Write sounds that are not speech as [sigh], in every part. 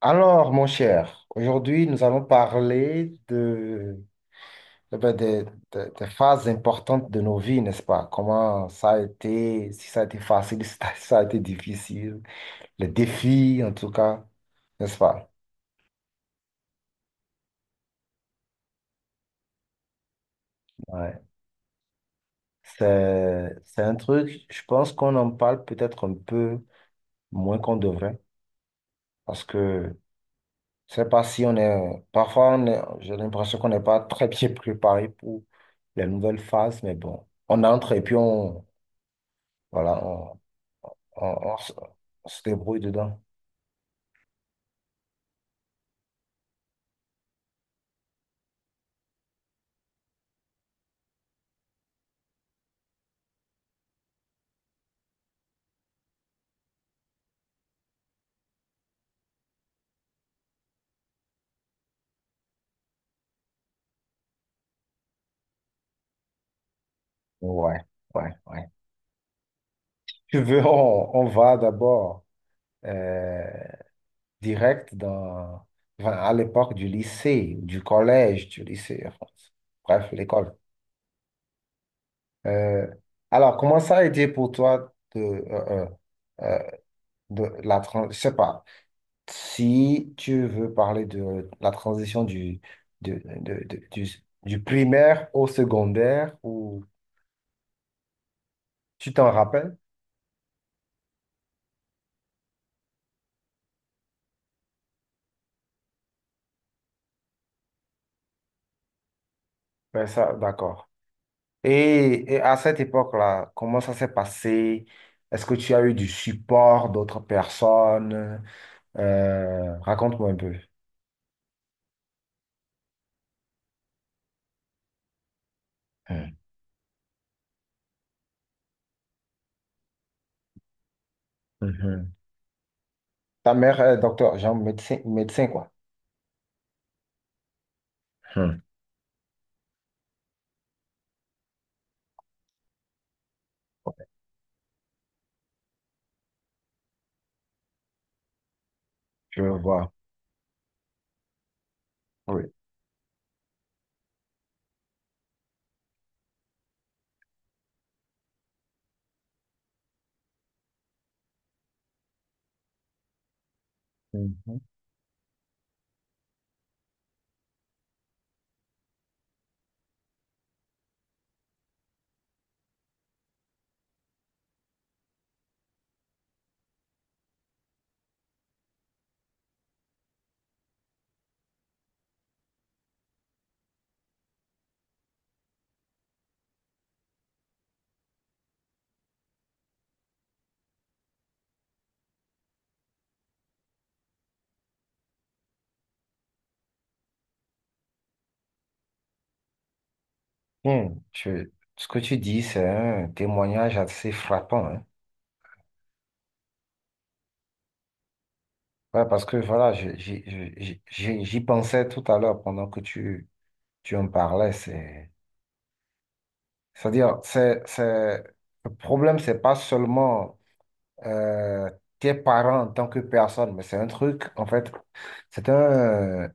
Alors, mon cher, aujourd'hui, nous allons parler de, eh ben, des phases importantes de nos vies, n'est-ce pas? Comment ça a été, si ça a été facile, [laughs] si ça a été difficile, les défis, en tout cas, n'est-ce pas? Ouais. C'est un truc, je pense qu'on en parle peut-être un peu moins qu'on devrait, parce que je sais pas si on est, parfois, j'ai l'impression qu'on n'est pas très bien [laughs] préparé pour les nouvelles phases, mais bon, on entre et puis voilà, on- on s- on se débrouille dedans. Ouais, ouais, ouais. Tu veux, on va d'abord euh, direct dans, enfin, à l'époque du lycée, enfin, bref, l'école. Euh, alors, comment ça a été pour toi euh, de la transition, je sais pas, si tu veux parler de la transition du, de- du primaire au secondaire, ou tu t'en rappelles? Ouais, ça, d'accord. Et à cette époque-là, comment ça s'est passé? Est-ce que tu as eu du support d'autres personnes? Raconte-moi un peu. Hmm. Mhm. Ta mère est docteur, genre médecin, médecin quoi. Hmm. Je vois. Oui. Mhm. Hmm. Ce que tu dis, c'est un témoignage assez frappant, hein. Ouais, parce que voilà, j'y pensais tout à l'heure pendant que tu en parlais. C'est-à-dire, le problème, c'est pas seulement euh, tes parents en tant que personne, mais c'est un truc, en fait, c'est un,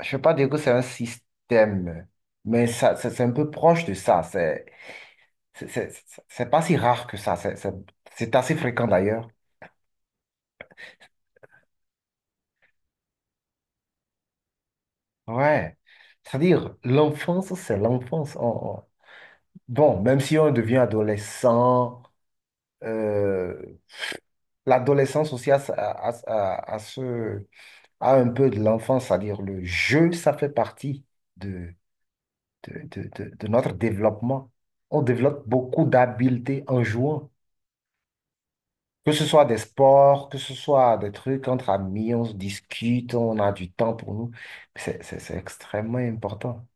je ne veux pas dire que c'est un système, mais ça, c'est un peu proche de ça. C'est, c'est c'est pas si rare que ça. C'est assez fréquent d'ailleurs. Ouais. C'est-à-dire, l'enfance, c'est l'enfance. Bon, même si on devient adolescent, euh, l'adolescence aussi à un peu de l'enfance, c'est-à-dire le jeu, ça fait partie de, de notre développement. On développe beaucoup d'habiletés en jouant, que ce soit des sports, que ce soit des trucs entre amis, on se discute, on a du temps pour nous. C'est extrêmement important.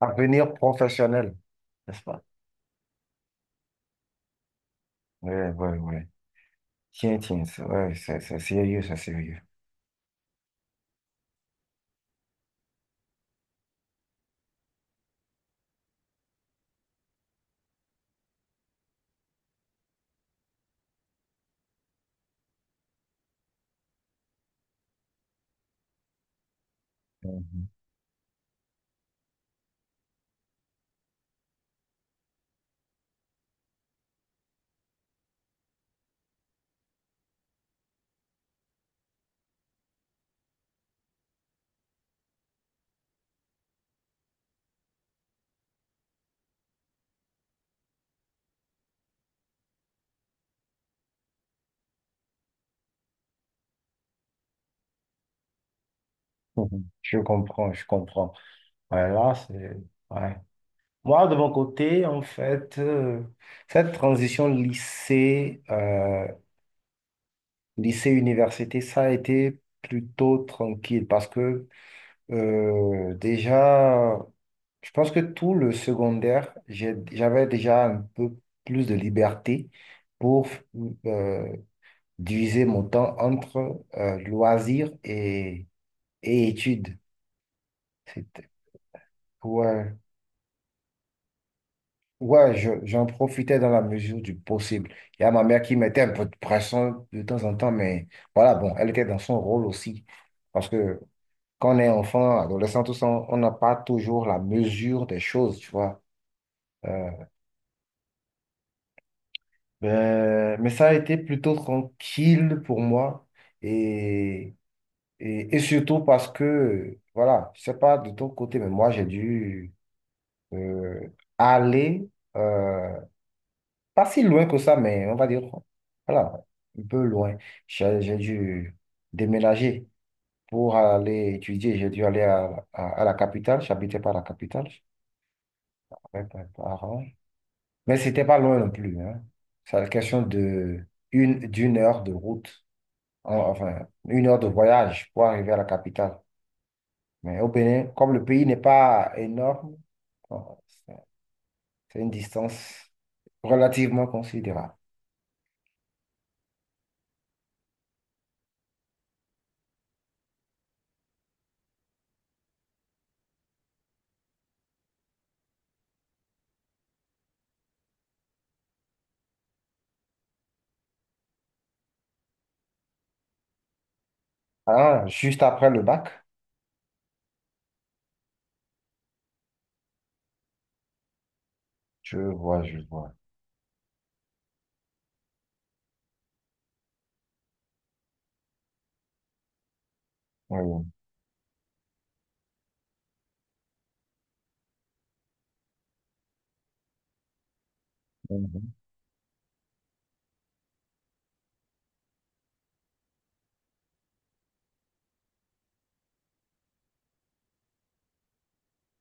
Avenir professionnel, n'est-ce pas? Oui, oui, oui. Tiens, tiens, ça, ouais, ça, sérieux, ça, sérieux. Mhm. Je comprends, je comprends. Ouais, là, c'est... Ouais. Moi, de mon côté, en fait, cette transition lycée, lycée-université, ça a été plutôt tranquille parce que déjà, je pense que tout le secondaire, j'avais déjà un peu plus de liberté pour euh, diviser mon temps entre loisirs et études. C'était, ouais, ouais, j'en profitais dans la mesure du possible. Il y a ma mère qui mettait un peu de pression de temps en temps, mais voilà, bon, elle était dans son rôle aussi. Parce que quand on est enfant, adolescent, tout ça, on n'a pas toujours la mesure des choses, tu vois. Euh, mais ça a été plutôt tranquille pour moi et, et surtout parce que, voilà, je sais pas de ton côté, mais moi j'ai dû euh, aller euh, pas si loin que ça, mais on va dire, voilà, un peu loin. J'ai dû déménager pour aller étudier. J'ai dû aller à la capitale. J'habitais pas à la capitale avec mes parents, mais c'était pas loin non plus, hein. C'est la question d'une heure de route. Enfin, une heure de voyage pour arriver à la capitale. Mais au Bénin, comme le pays n'est pas énorme, bon, c'est une distance relativement considérable. Ah, juste après le bac, je vois, je vois. Oui. Mhm,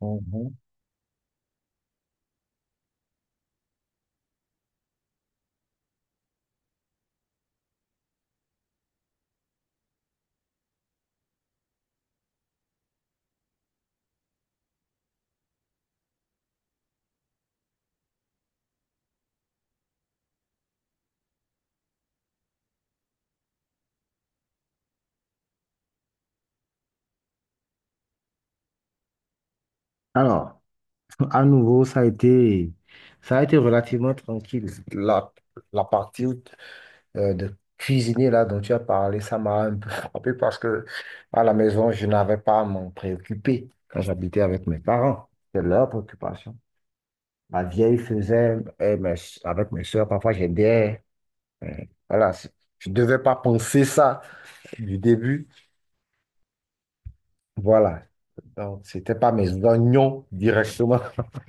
mhm. Alors, [laughs] à nouveau, ça a été relativement tranquille. La partie de cuisiner là dont tu as parlé, ça m'a un peu [laughs] frappé parce que à la maison, je n'avais pas à m'en préoccuper quand j'habitais avec mes parents. C'était leur préoccupation. Ma vieille faisait, et mes- Avec mes soeurs, parfois j'aidais. Euh, Voilà, c'est- je ne devais pas penser ça du début. Voilà, donc c'était pas mes oignons directement. [laughs]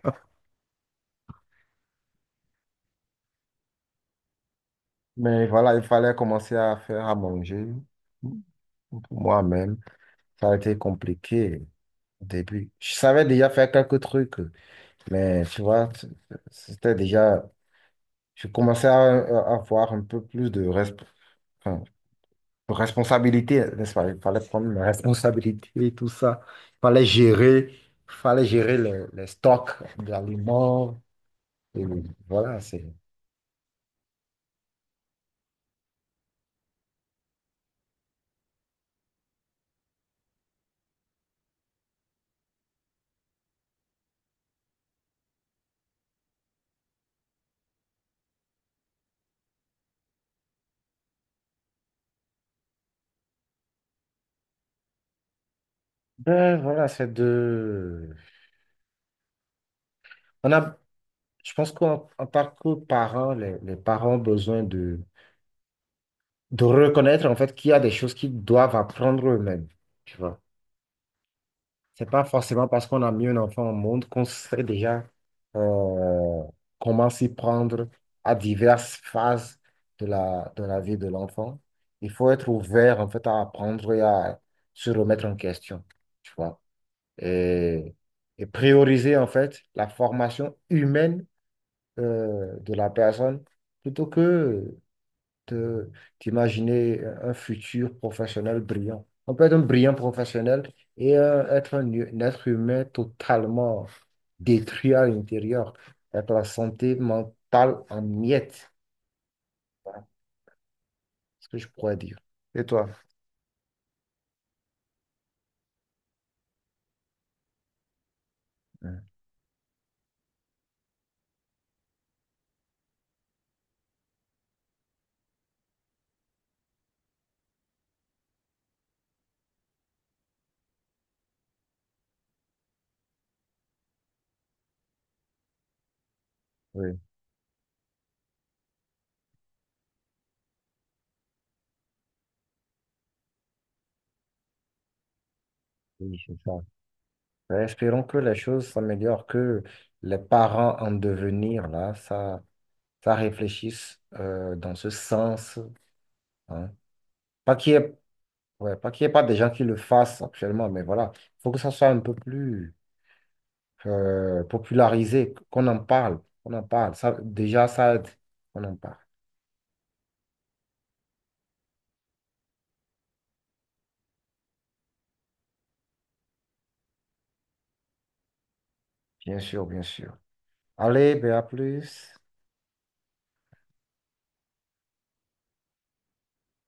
Mais voilà, il fallait commencer à faire à manger pour moi-même. Ça a été compliqué au début. Je savais déjà faire quelques trucs. Mais tu vois, c'était déjà, je commençais à avoir un peu plus de, enfin, de responsabilité, n'est-ce pas? Il fallait prendre mes responsabilités et tout ça. Il fallait gérer, il fallait gérer les stocks d'aliments. Et voilà, c'est, ben, voilà, c'est de, on a, Je pense qu'en en tant que parents, les parents ont besoin de reconnaître en fait qu'il y a des choses qu'ils doivent apprendre eux-mêmes. C'est pas forcément parce qu'on a mis un enfant au monde qu'on sait déjà euh, comment s'y prendre à diverses phases de de la vie de l'enfant. Il faut être ouvert en fait à apprendre et à se remettre en question, tu vois. Et, et prioriser en fait la formation humaine de la personne plutôt que te- t'imaginer un futur professionnel brillant. On peut être un brillant professionnel et être un, un être humain totalement détruit à l'intérieur, avec la santé mentale en miettes, ce que je pourrais dire. Et toi? Hein. Oui, oui, c'est ça. Ben, espérons que les choses s'améliorent, que les parents en devenir, là, ça réfléchisse dans ce sens, hein. Pas qu'il y ait Ouais, pas qu'il n'y ait pas des gens qui le fassent actuellement, mais voilà, il faut que ça soit un peu plus popularisé, qu'on en parle. Ça, déjà, ça aide, qu'on en parle. Bien sûr, bien sûr. Allez, ben à plus.